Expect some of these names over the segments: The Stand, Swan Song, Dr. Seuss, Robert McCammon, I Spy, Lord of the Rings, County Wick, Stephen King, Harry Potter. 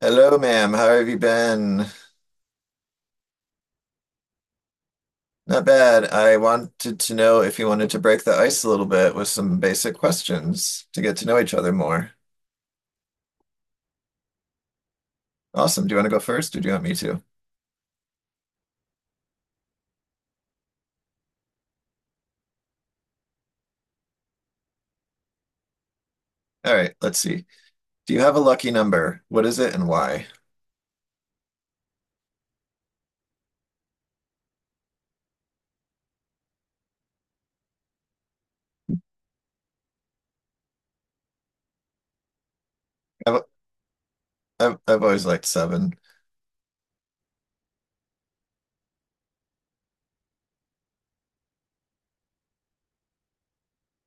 Hello, ma'am. How have you been? Not bad. I wanted to know if you wanted to break the ice a little bit with some basic questions to get to know each other more. Awesome. Do you want to go first or do you want me to? All right, let's see. Do you have a lucky number? What is it and why? I've, I've always liked seven.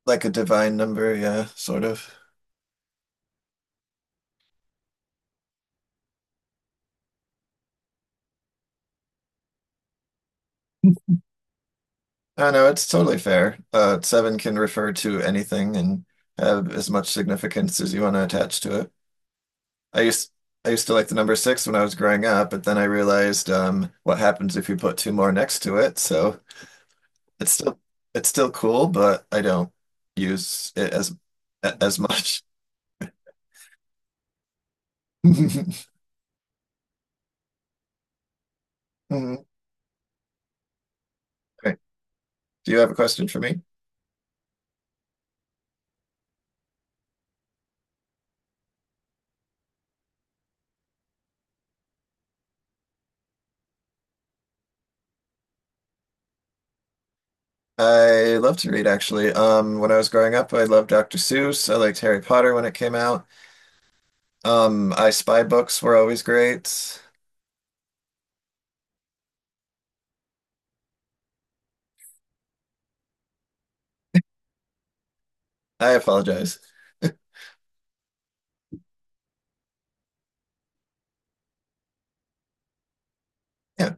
Like a divine number, yeah, sort of. I know it's totally fair. Seven can refer to anything and have as much significance as you want to attach to it. I used I used to like the number six when I was growing up, but then I realized what happens if you put two more next to it. So it's still it's still cool, but I don't use it as much. Mhm. Great. Do you have a question for me? I love to read actually. When I was growing up, I loved Dr. Seuss. I liked Harry Potter when it came out. I Spy books were always great. I apologize. Yeah.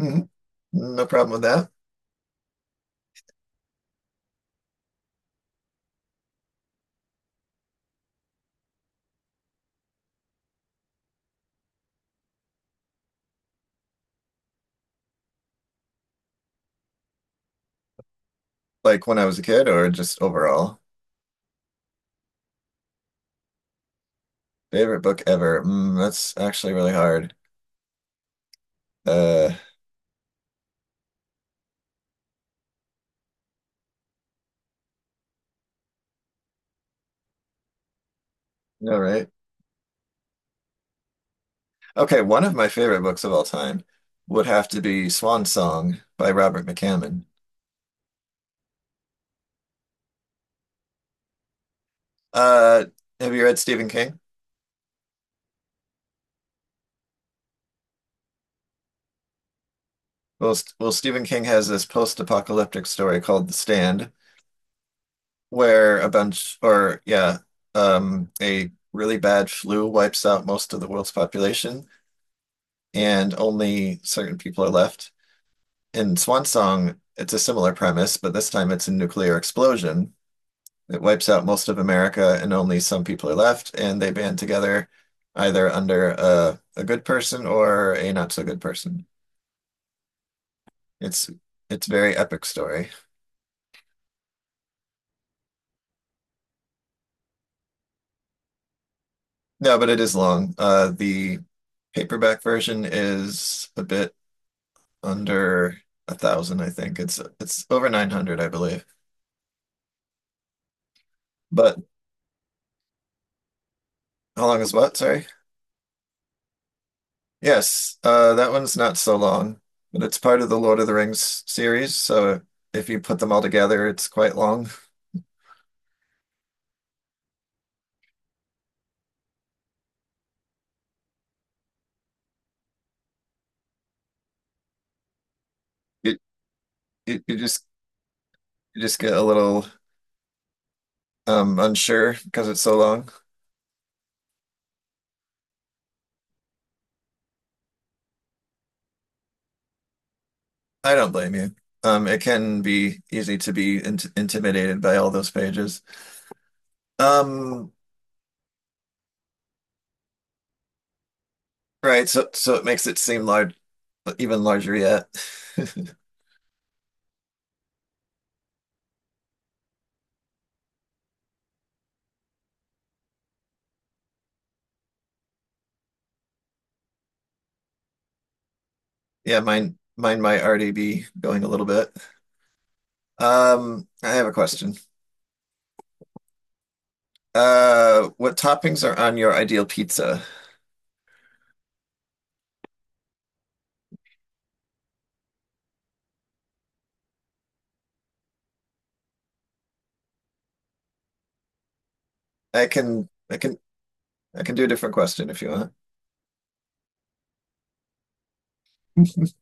Mhm. No problem with that. Like when I was a kid or just overall. Favorite book ever. Mm, that's actually really hard. Uh, no, right? Okay, one of my favorite books of all time would have to be Swan Song by Robert McCammon. Uh, have you read Stephen King? Well, Stephen King has this post-apocalyptic story called The Stand, where a bunch, or yeah, a really bad flu wipes out most of the world's population, and only certain people are left. In Swan Song, it's a similar premise, but this time it's a nuclear explosion. It wipes out most of America and only some people are left, and they band together either under a good person or a not so good person. It's it's very epic story. No, but it is long. The paperback version is a bit under a thousand, I think. It's over 900, I believe. But how long is what? Sorry. Yes, that one's not so long, but it's part of the Lord of the Rings series, so if you put them all together, it's quite long. It it you just You just get a little unsure because it's so long. I don't blame you. It can be easy to be intimidated by all those pages. Um, Right, so it makes it seem large, even larger yet. Yeah, mine might already be going a little bit. I have a question. What toppings are on your ideal pizza? I can I can I can do a different question if you want.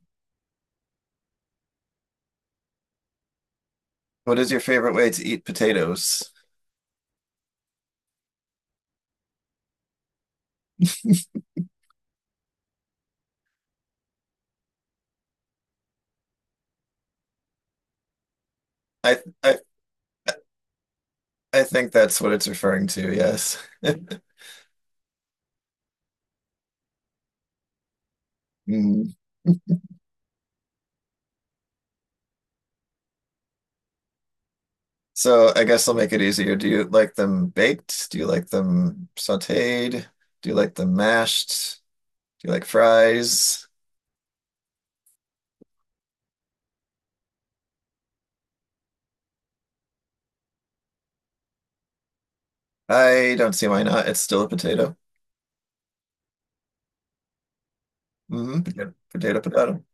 What is your favorite way to eat potatoes? I I I think that's what it's referring to, yes. Mm. So I guess I'll make it easier. Do you like them baked? Do you like them sautéed? Do you like them mashed? Do you like fries? I don't see why not. It's still a potato. Hmm Potato, potato, potato.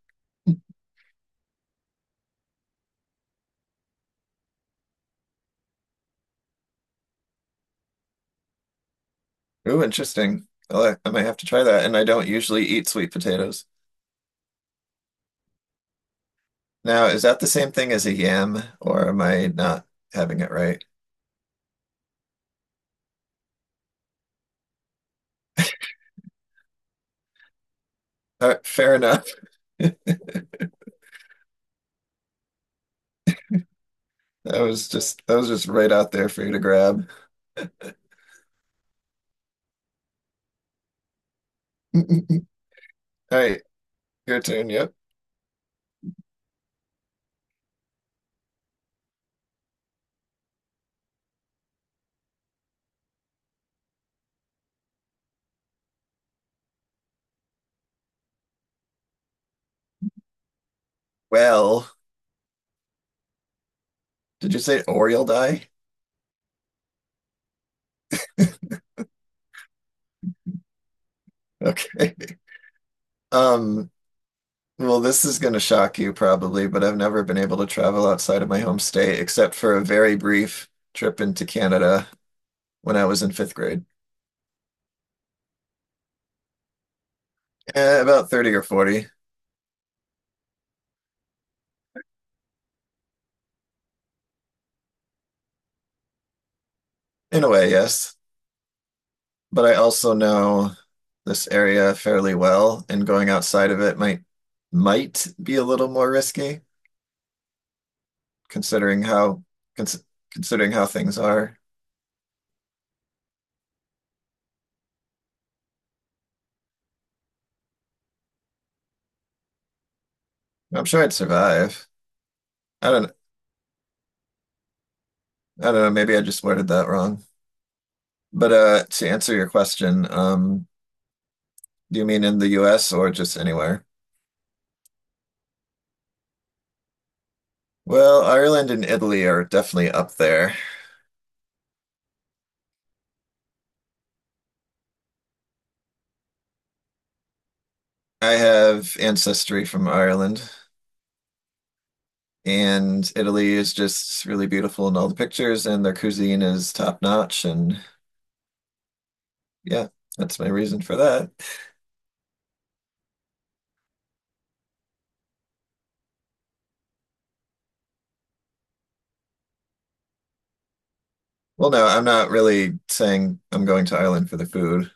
Ooh, interesting. Well, I like- I might have to try that. And I don't usually eat sweet potatoes. Now, is that the same thing as a yam, or am I not having it right? All right, fair enough. That was just right out there for you to grab. All right, your turn. Yep. Well, did you say or you'll die? Okay. Um, well, this is gonna shock you probably, but I've never been able to travel outside of my home state except for a very brief trip into Canada when I was in fifth grade. Eh, about 30 or 40. In a way, yes. But I also know this area fairly well, and going outside of it might be a little more risky, considering how cons considering how things are. I'm sure I'd survive. I don't I don't know, maybe I just worded that wrong. But to answer your question, do you mean in the US or just anywhere? Well, Ireland and Italy are definitely up there. I have ancestry from Ireland, and Italy is just really beautiful in all the pictures, and their cuisine is top notch. And yeah, that's my reason for that. Well, no, I'm not really saying I'm going to Ireland for the food.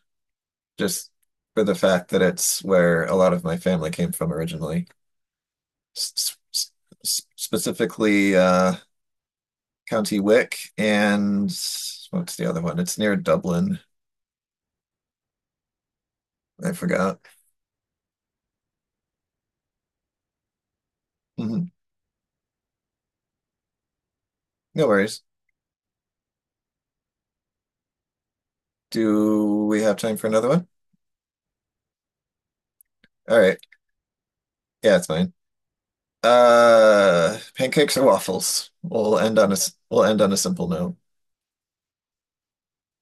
Just for the fact that it's where a lot of my family came from originally, S- s- specifically County Wick and what's the other one? It's near Dublin. I forgot. Hmm No worries. Do we have time for another one? All right. Yeah, it's fine. Pancakes or waffles? We'll end on a simple note.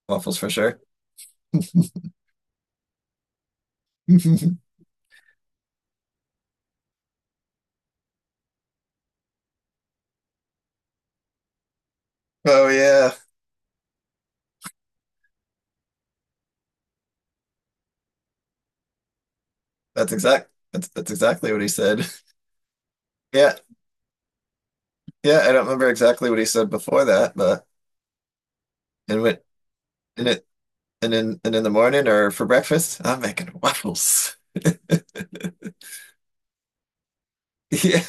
Waffles for sure. Oh yeah, that's exact. That's exactly what he said. Yeah. Yeah, I don't remember exactly what he said before that, but and what and it and in the morning or for breakfast, I'm making waffles. Yeah.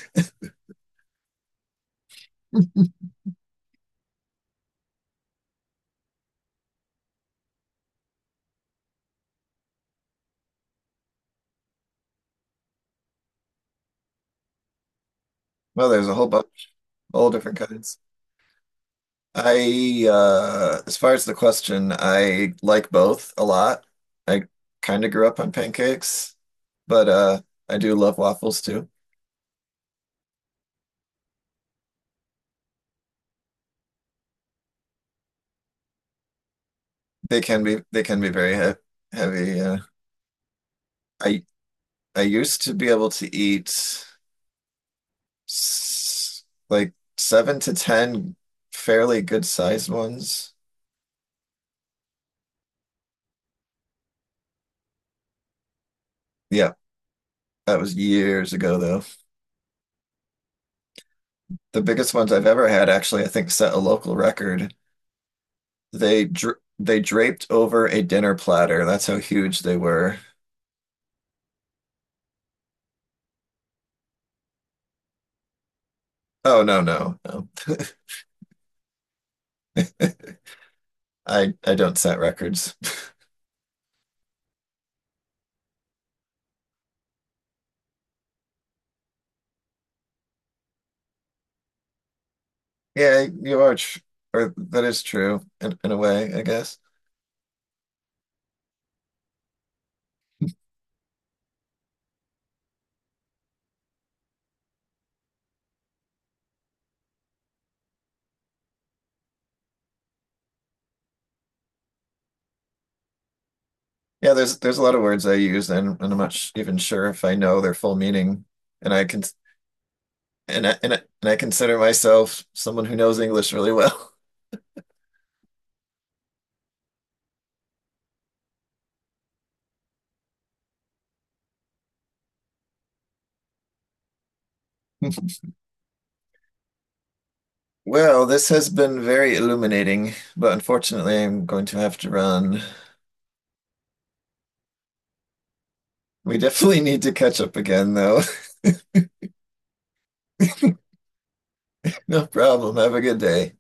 Well, there's a whole bunch, all different kinds. I as far as the question, I like both a lot. I kind of grew up on pancakes, but I do love waffles too. They can be very he heavy. I I used to be able to eat s- like 7 to 10 fairly good sized ones. Yeah, that was years ago though. The biggest ones I've ever had actually, I think, set a local record. They draped over a dinner platter. That's how huge they were. Oh no, no, no. I don't set records. Yeah, you are, tr or that is true in a way, I guess. Yeah, there's a lot of words I use and I'm not sh even sure if I know their full meaning, and I can and I consider myself someone who knows English really well. Well, this has been very illuminating, but unfortunately, I'm going to have to run. We definitely need to catch up again, though. No problem. Have a good day.